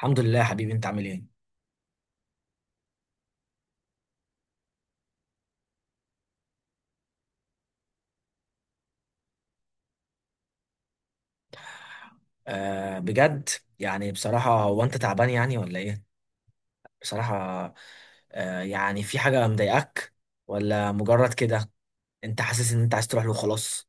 الحمد لله يا حبيبي، انت عامل ايه؟ آه بجد؟ يعني بصراحة، هو انت تعبان يعني ولا ايه؟ بصراحة. يعني في حاجة مضايقاك؟ ولا مجرد كده؟ انت حاسس ان انت عايز تروح له خلاص؟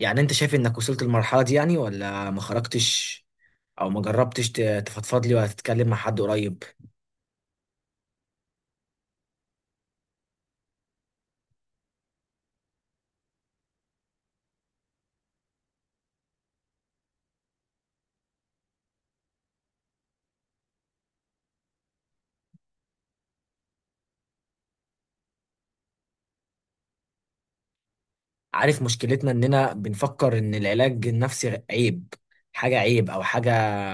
يعني انت شايف انك وصلت للمرحلة دي يعني ولا ما خرجتش، او ما جربتش تفضفض لي، ولا تتكلم مع حد قريب؟ عارف مشكلتنا، اننا بنفكر ان العلاج النفسي عيب، حاجة عيب او حاجة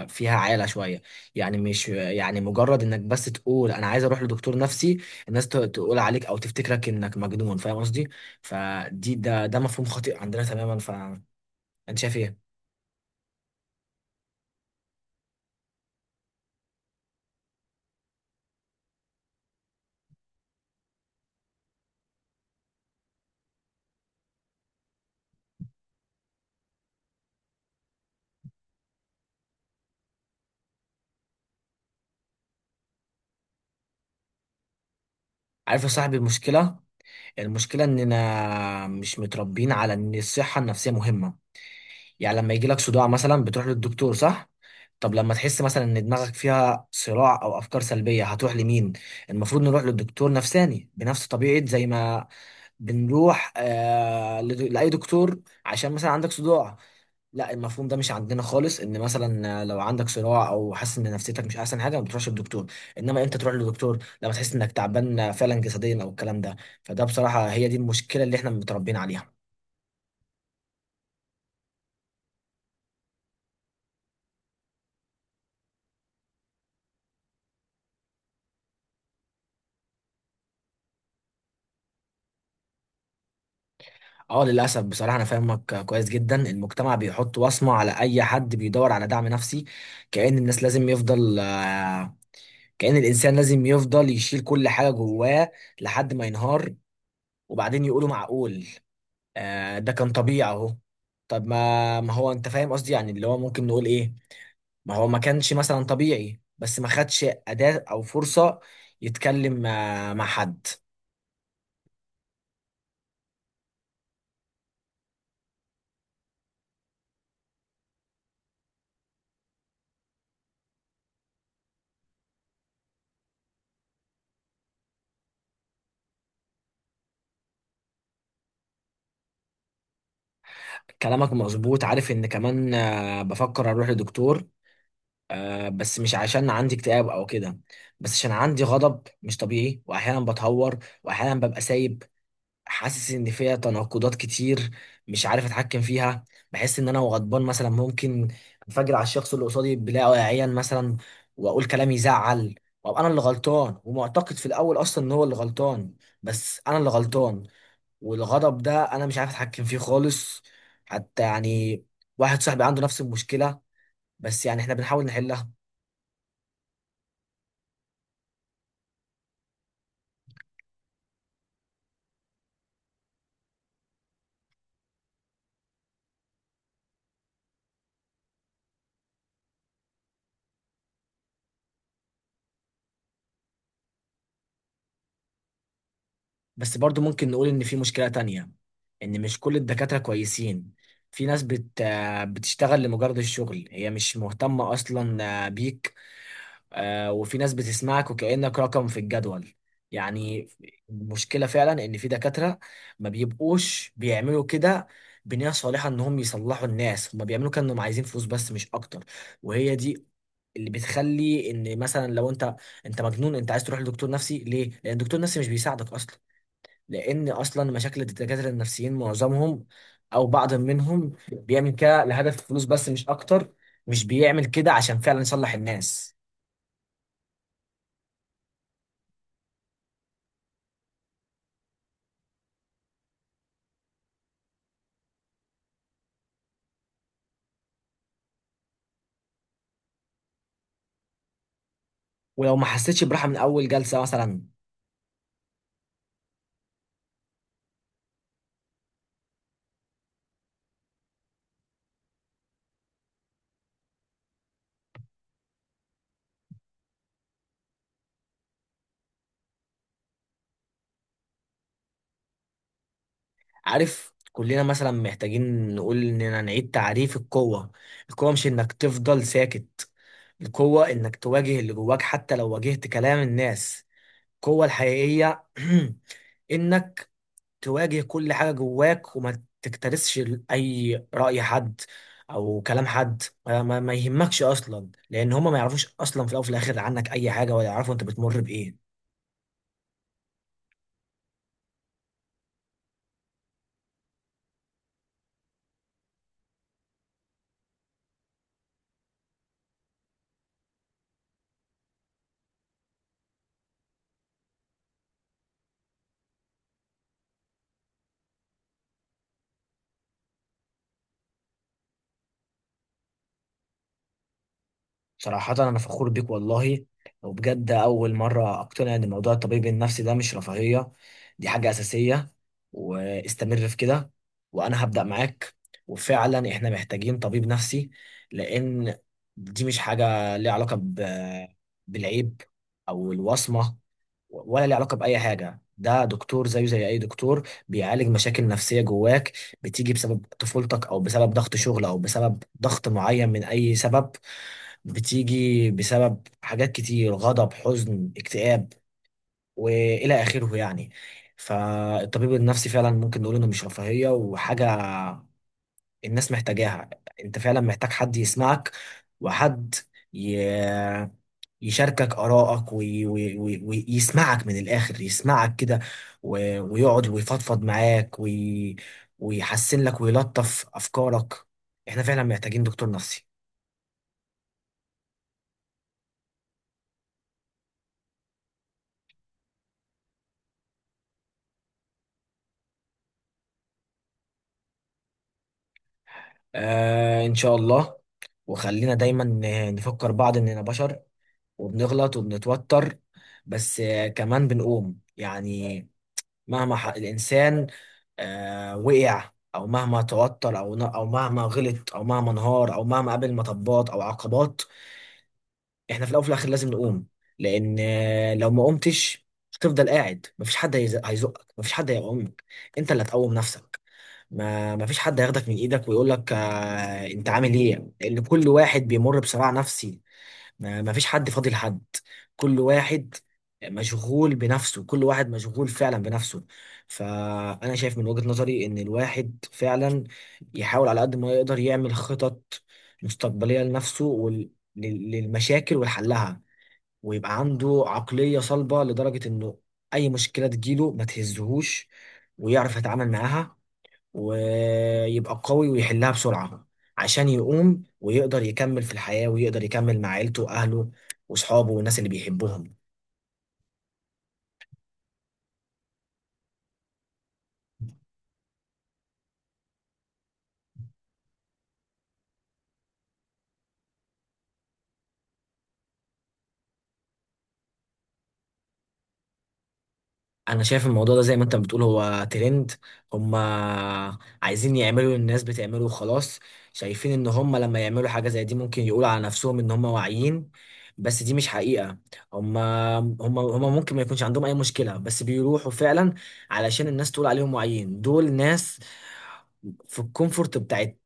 فيها عالة شوية. يعني مش يعني مجرد انك بس تقول انا عايز اروح لدكتور نفسي، الناس تقول عليك او تفتكرك انك مجنون، فاهم قصدي؟ فدي ده مفهوم خاطئ عندنا تماما، فانت شايف ايه؟ عارف يا صاحبي، المشكلة اننا مش متربيين على ان الصحة النفسية مهمة. يعني لما يجيلك صداع مثلا بتروح للدكتور، صح؟ طب لما تحس مثلا ان دماغك فيها صراع او افكار سلبيه، هتروح لمين؟ المفروض نروح للدكتور نفساني بنفس طبيعه زي ما بنروح لاي دكتور، عشان مثلا عندك صداع. لا، المفهوم ده مش عندنا خالص، ان مثلا لو عندك صراع او حاسس ان نفسيتك مش احسن حاجه ما بتروحش للدكتور. انما امتى تروح للدكتور؟ لما تحس انك تعبان فعلا جسديا او الكلام ده. فده بصراحه، هي دي المشكله اللي احنا متربيين عليها. اه، للاسف بصراحه انا فاهمك كويس جدا. المجتمع بيحط وصمه على اي حد بيدور على دعم نفسي. كأن الناس لازم يفضل آه، كأن الانسان لازم يفضل يشيل كل حاجه جواه لحد ما ينهار، وبعدين يقولوا معقول؟ ده كان طبيعي اهو. طب، ما هو انت فاهم قصدي، يعني اللي هو ممكن نقول ايه. ما هو ما كانش مثلا طبيعي، بس ما خدش أداة او فرصة يتكلم مع حد. كلامك مظبوط، عارف ان كمان بفكر اروح لدكتور. بس مش عشان عندي اكتئاب او كده. بس عشان عندي غضب مش طبيعي، واحيانا بتهور، واحيانا ببقى سايب. حاسس ان فيها تناقضات كتير، مش عارف اتحكم فيها. بحس ان انا وغضبان مثلا ممكن انفجر على الشخص اللي قصادي بلا واعيا مثلا، واقول كلام يزعل. وابقى انا اللي غلطان، ومعتقد في الاول اصلا ان هو اللي غلطان، بس انا اللي غلطان. والغضب ده انا مش عارف اتحكم فيه خالص. حتى يعني واحد صاحبي عنده نفس المشكلة، بس يعني احنا بنحاول نحلها. بس برضو ممكن نقول ان في مشكلة تانية، ان مش كل الدكاترة كويسين. في ناس بت آه، بتشتغل لمجرد الشغل، هي مش مهتمة اصلا بيك. وفي ناس بتسمعك وكأنك رقم في الجدول يعني. المشكلة فعلا ان في دكاترة ما بيبقوش بيعملوا كده بنية صالحة انهم يصلحوا الناس، هما بيعملوا كأنهم عايزين فلوس بس، مش اكتر. وهي دي اللي بتخلي ان مثلا لو انت مجنون انت عايز تروح لدكتور نفسي ليه؟ لان الدكتور النفسي مش بيساعدك اصلا. لان اصلا مشاكل الدكاتره النفسيين معظمهم او بعض منهم بيعمل كده لهدف الفلوس بس، مش اكتر، مش بيعمل كده عشان فعلا يصلح الناس. ولو ما حسيتش براحه من اول جلسه مثلا. عارف، كلنا مثلا محتاجين نقول اننا نعيد تعريف القوه. القوه مش انك تفضل ساكت، القوه انك تواجه اللي جواك حتى لو واجهت كلام الناس. القوه الحقيقيه انك تواجه كل حاجة جواك، وما تكترثش أي رأي حد، أو كلام حد ما، ما يهمكش أصلا، لأن هما ما يعرفوش أصلا في الأول وفي الآخر عنك أي حاجة، ولا يعرفوا أنت بتمر بإيه. صراحة أنا فخور بيك والله. وبجد أول مرة أقتنع إن موضوع الطبيب النفسي ده مش رفاهية، دي حاجة أساسية. واستمر في كده، وأنا هبدأ معاك. وفعلا إحنا محتاجين طبيب نفسي. لأن دي مش حاجة ليها علاقة بالعيب أو الوصمة، ولا ليه علاقة بأي حاجة. ده دكتور زيه زي أي دكتور بيعالج مشاكل نفسية جواك، بتيجي بسبب طفولتك أو بسبب ضغط شغل أو بسبب ضغط معين من أي سبب، بتيجي بسبب حاجات كتير، غضب، حزن، اكتئاب، وإلى آخره يعني. فالطبيب النفسي فعلا ممكن نقول إنه مش رفاهية، وحاجة الناس محتاجاها. أنت فعلا محتاج حد يسمعك، وحد يشاركك آرائك، ويسمعك من الآخر، يسمعك كده، ويقعد ويفضفض معاك، ويحسن لك ويلطف أفكارك. إحنا فعلا محتاجين دكتور نفسي. آه، إن شاء الله. وخلينا دايما نفكر بعض إننا بشر، وبنغلط وبنتوتر، بس كمان بنقوم يعني. مهما الإنسان وقع، أو مهما توتر، أو مهما غلط، أو مهما انهار، أو مهما قابل مطبات أو عقبات. احنا في الاول وفي الاخر لازم نقوم. لان لو ما قمتش هتفضل قاعد، مفيش حد هيزقك، مفيش حد هيقومك. انت اللي هتقوم نفسك. ما مفيش حد هياخدك من ايدك ويقول لك آه انت عامل ايه، لان كل واحد بيمر بصراع نفسي. ما مفيش حد فاضي لحد، كل واحد مشغول بنفسه، كل واحد مشغول فعلا بنفسه. فانا شايف من وجهة نظري ان الواحد فعلا يحاول على قد ما يقدر يعمل خطط مستقبلية لنفسه، للمشاكل والحلها. ويبقى عنده عقلية صلبة لدرجة إنه أي مشكلة تجيله ما تهزهوش، ويعرف يتعامل معاها، ويبقى قوي ويحلها بسرعة، عشان يقوم ويقدر يكمل في الحياة، ويقدر يكمل مع عيلته وأهله وأصحابه والناس اللي بيحبهم. انا شايف الموضوع ده زي ما انت بتقول، هو ترند، هم عايزين يعملوا الناس بتعمله وخلاص. شايفين ان هم لما يعملوا حاجة زي دي ممكن يقولوا على نفسهم ان هم واعيين، بس دي مش حقيقة. هم ممكن ما يكونش عندهم اي مشكلة، بس بيروحوا فعلا علشان الناس تقول عليهم واعيين. دول ناس في الكومفورت بتاعت،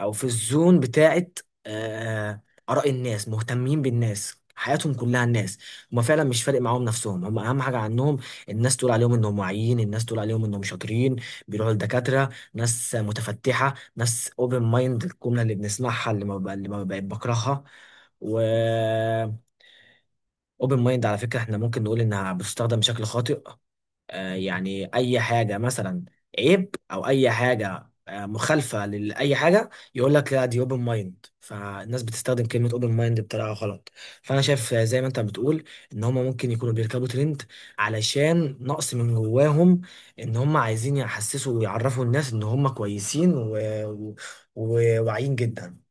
او في الزون بتاعت، آه، اراء الناس، مهتمين بالناس، حياتهم كلها الناس. هما فعلا مش فارق معاهم نفسهم، هما اهم حاجه عنهم. الناس تقول عليهم انهم واعيين، الناس تقول عليهم انهم شاطرين. بيروحوا لدكاترة، ناس متفتحة، ناس اوبن مايند، الجملة اللي بنسمعها، اللي ما بقت بكرهها. و اوبن مايند، على فكرة احنا ممكن نقول انها بتستخدم بشكل خاطئ. يعني اي حاجه مثلا عيب، او اي حاجه مخالفه لاي حاجه، يقول لك لا دي اوبن مايند. فالناس بتستخدم كلمه اوبن مايند بطريقه غلط. فانا شايف زي ما انت بتقول، ان هم ممكن يكونوا بيركبوا ترند، علشان نقص من جواهم. ان هم عايزين يحسسوا ويعرفوا الناس ان هم كويسين، و- وواعيين جدا.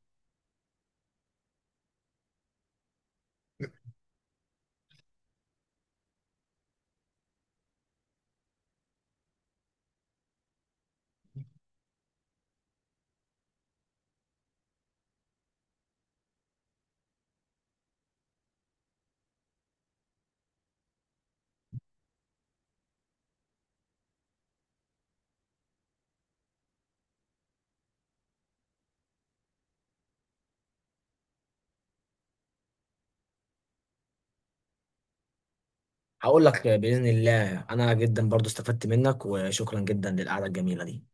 هقول لك باذن الله. انا جدا برضو استفدت منك، وشكرا جدا للقعده الجميله دي.